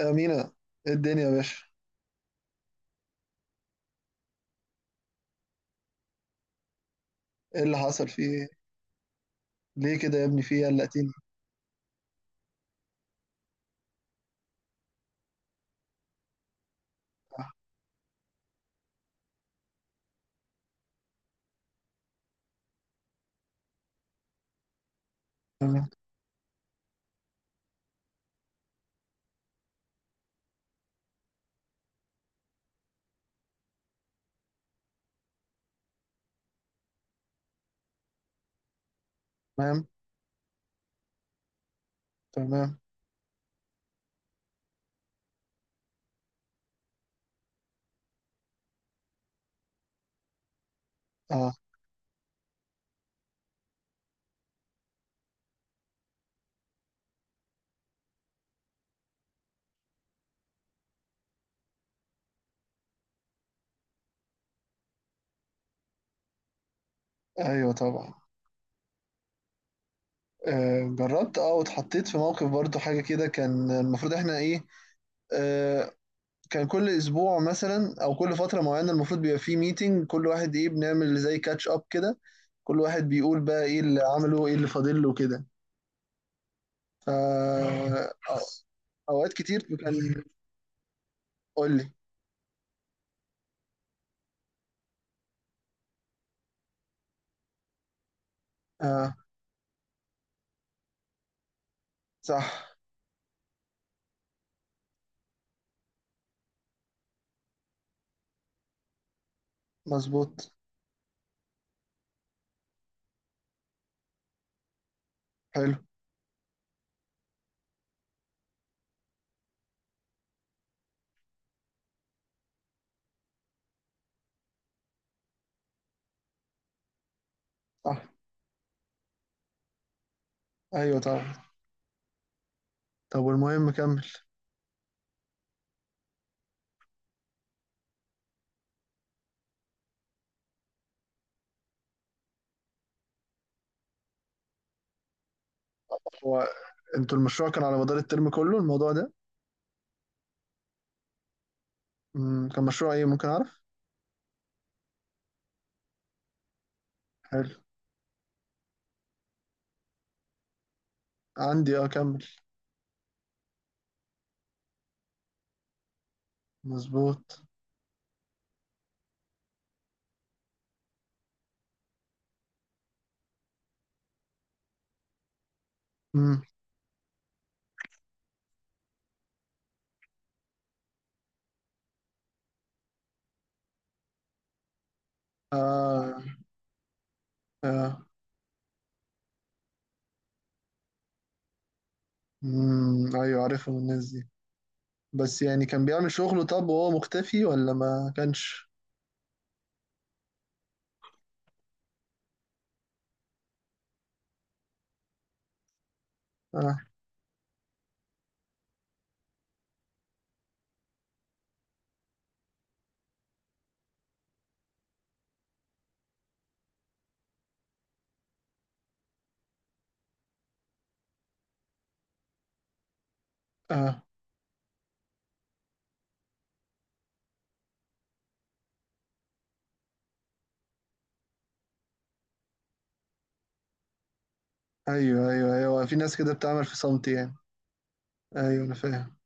أمينة. إيه الدنيا يا باشا؟ ايه اللي حصل فيه ايه؟ ليه كده يا ابني فيه إيه؟ قلقتني. تمام. تمام. تمام. اه. ايوه طبعا. جربت واتحطيت في موقف برضو حاجة كده كان المفروض احنا ايه. آه كان كل اسبوع مثلا او كل فترة معينة المفروض بيبقى فيه ميتنج، كل واحد ايه بنعمل زي كاتش اب كده. كل واحد بيقول بقى ايه اللي عمله ايه اللي فاضل له كده. ف أو- اوقات كتير كان قول لي. اه. صح. مظبوط. حلو. صح. ايوه طبعا. طب والمهم كمل. هو انتوا المشروع كان على مدار الترم كله الموضوع ده؟ كان مشروع ايه ممكن اعرف؟ حلو. عندي اه كمل. مظبوط. امم. اه اه. ايوه عارفهم الناس دي. بس يعني كان بيعمل شغله طب وهو مختفي ولا ما كانش؟ اه. اه. ايوه ايوه ايوه في ناس كده بتعمل في صمت يعني. ايوه انا فاهم.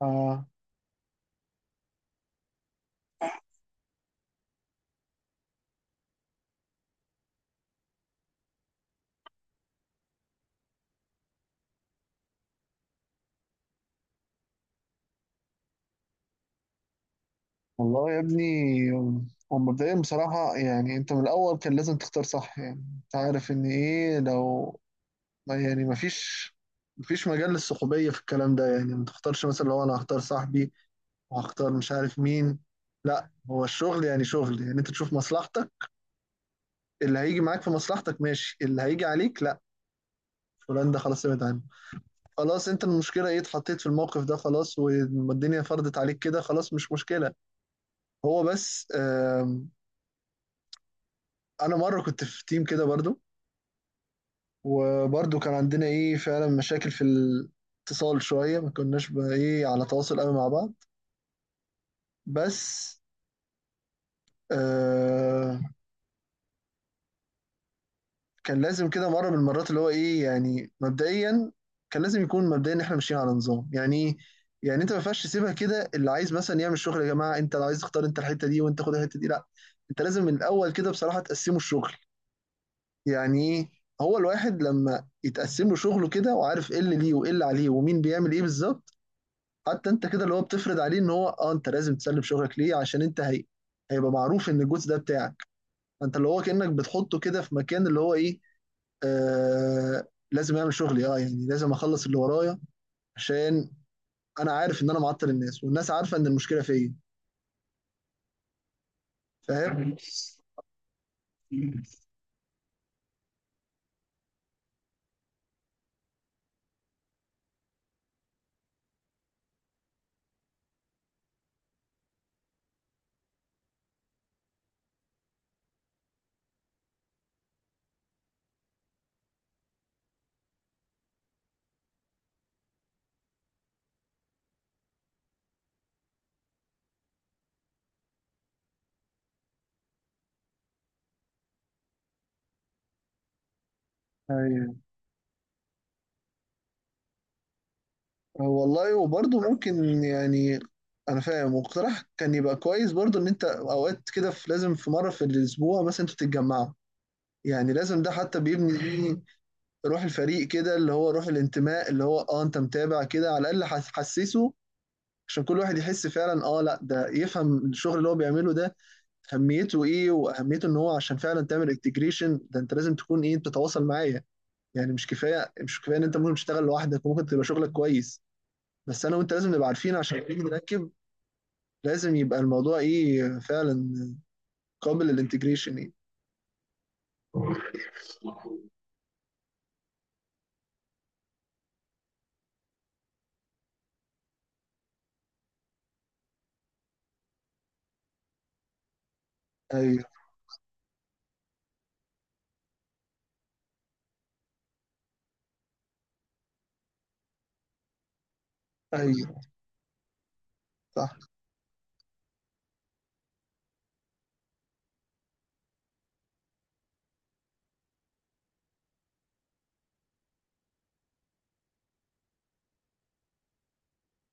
اه. والله يا ابني. هو مبدئيا بصراحة يعني انت من الاول كان لازم تختار صح، يعني انت عارف ان ايه لو. والله يعني مفيش مجال للصحوبية في الكلام ده، يعني ما تختارش مثلا لو أنا هختار صاحبي وهختار مش عارف مين. لا، هو الشغل يعني شغل، يعني أنت تشوف مصلحتك. اللي هيجي معاك في مصلحتك ماشي، اللي هيجي عليك لا، فلان ده خلاص ابعد عنه. خلاص، أنت المشكلة إيه؟ اتحطيت في الموقف ده، خلاص والدنيا فرضت عليك كده، خلاص مش مشكلة. هو بس أنا مرة كنت في تيم كده برضو، وبرضو كان عندنا إيه فعلا مشاكل في الاتصال شوية، ما كناش بقى إيه على تواصل قوي مع بعض. بس آه كان لازم كده مرة من المرات اللي هو إيه يعني مبدئيا. كان لازم يكون مبدئيا إحنا ماشيين على نظام يعني إيه؟ يعني أنت ما ينفعش تسيبها كده، اللي عايز مثلا يعمل شغل يا جماعة أنت عايز تختار أنت الحتة دي وأنت خد الحتة دي، لا. أنت لازم من الأول كده بصراحة تقسمه الشغل. يعني إيه؟ هو الواحد لما يتقسم له شغله كده وعارف ايه اللي ليه وايه اللي عليه ومين بيعمل ايه بالظبط. حتى انت كده اللي هو بتفرض عليه ان هو انت لازم تسلم شغلك ليه، عشان انت هي هيبقى معروف ان الجزء ده بتاعك. انت اللي هو كانك بتحطه كده في مكان اللي هو ايه آه لازم اعمل شغلي يعني لازم اخلص اللي ورايا، عشان انا عارف ان انا معطل الناس والناس عارفه ان المشكله فيا. فاهم. ايوه والله وبرضه ممكن يعني. انا فاهم، واقتراح كان يبقى كويس برضه ان انت اوقات كده في لازم في مره في الاسبوع مثلا انتوا تتجمعوا. يعني لازم ده حتى بيبني بيه روح الفريق كده، اللي هو روح الانتماء، اللي هو انت متابع كده على الاقل حسسه. عشان كل واحد يحس فعلا لا ده يفهم الشغل اللي هو بيعمله ده اهميته ايه، واهميه ان هو عشان فعلا تعمل انتجريشن ده انت لازم تكون ايه بتتواصل معايا. يعني مش كفايه، مش كفايه ان انت ممكن تشتغل لوحدك وممكن تبقى شغلك كويس. بس انا وانت لازم نبقى عارفين عشان نيجي نركب. لازم يبقى الموضوع ايه فعلا قابل للانتجريشن ايه. ايوه ايوه. صح.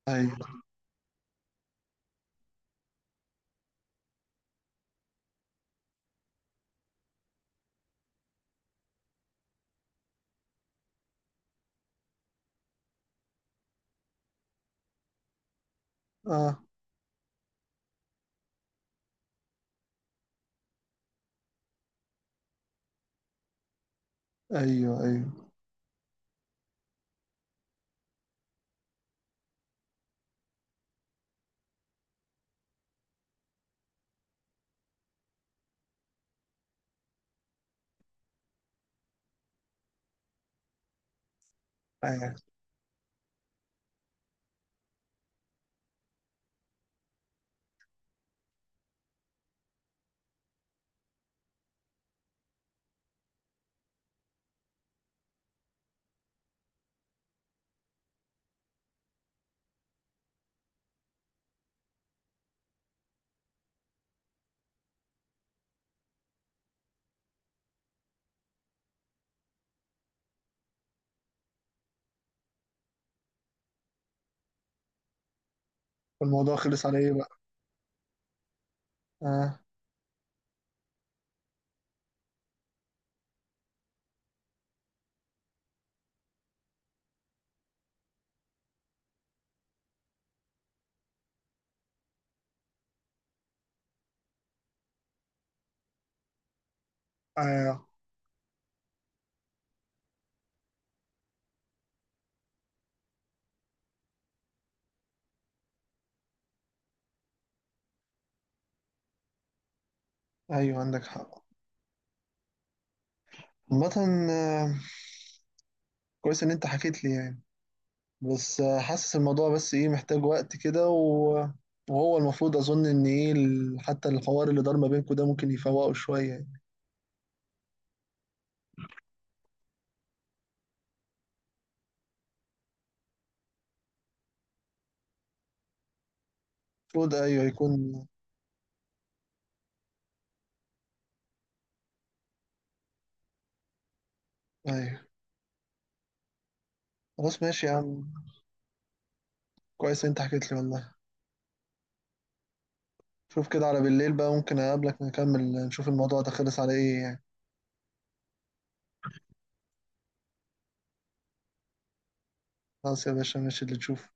ايوه. اه. ايوه ايوه ايوه. والموضوع خلص على ايه بقى؟ اه. ايوه ايوه عندك حق. عامة آه، كويس ان انت حكيت لي يعني. بس حاسس الموضوع بس ايه محتاج وقت كده وهو المفروض اظن ان ايه حتى الحوار اللي دار ما بينكم ده ممكن يفوقه شوية يعني. المفروض ايوه يكون. ايوه خلاص ماشي يا عم. كويس انت حكيت لي والله. شوف كده على بالليل بقى ممكن اقابلك نكمل، نشوف الموضوع ده خلص على ايه يعني. خلاص يا باشا ماشي اللي تشوفه.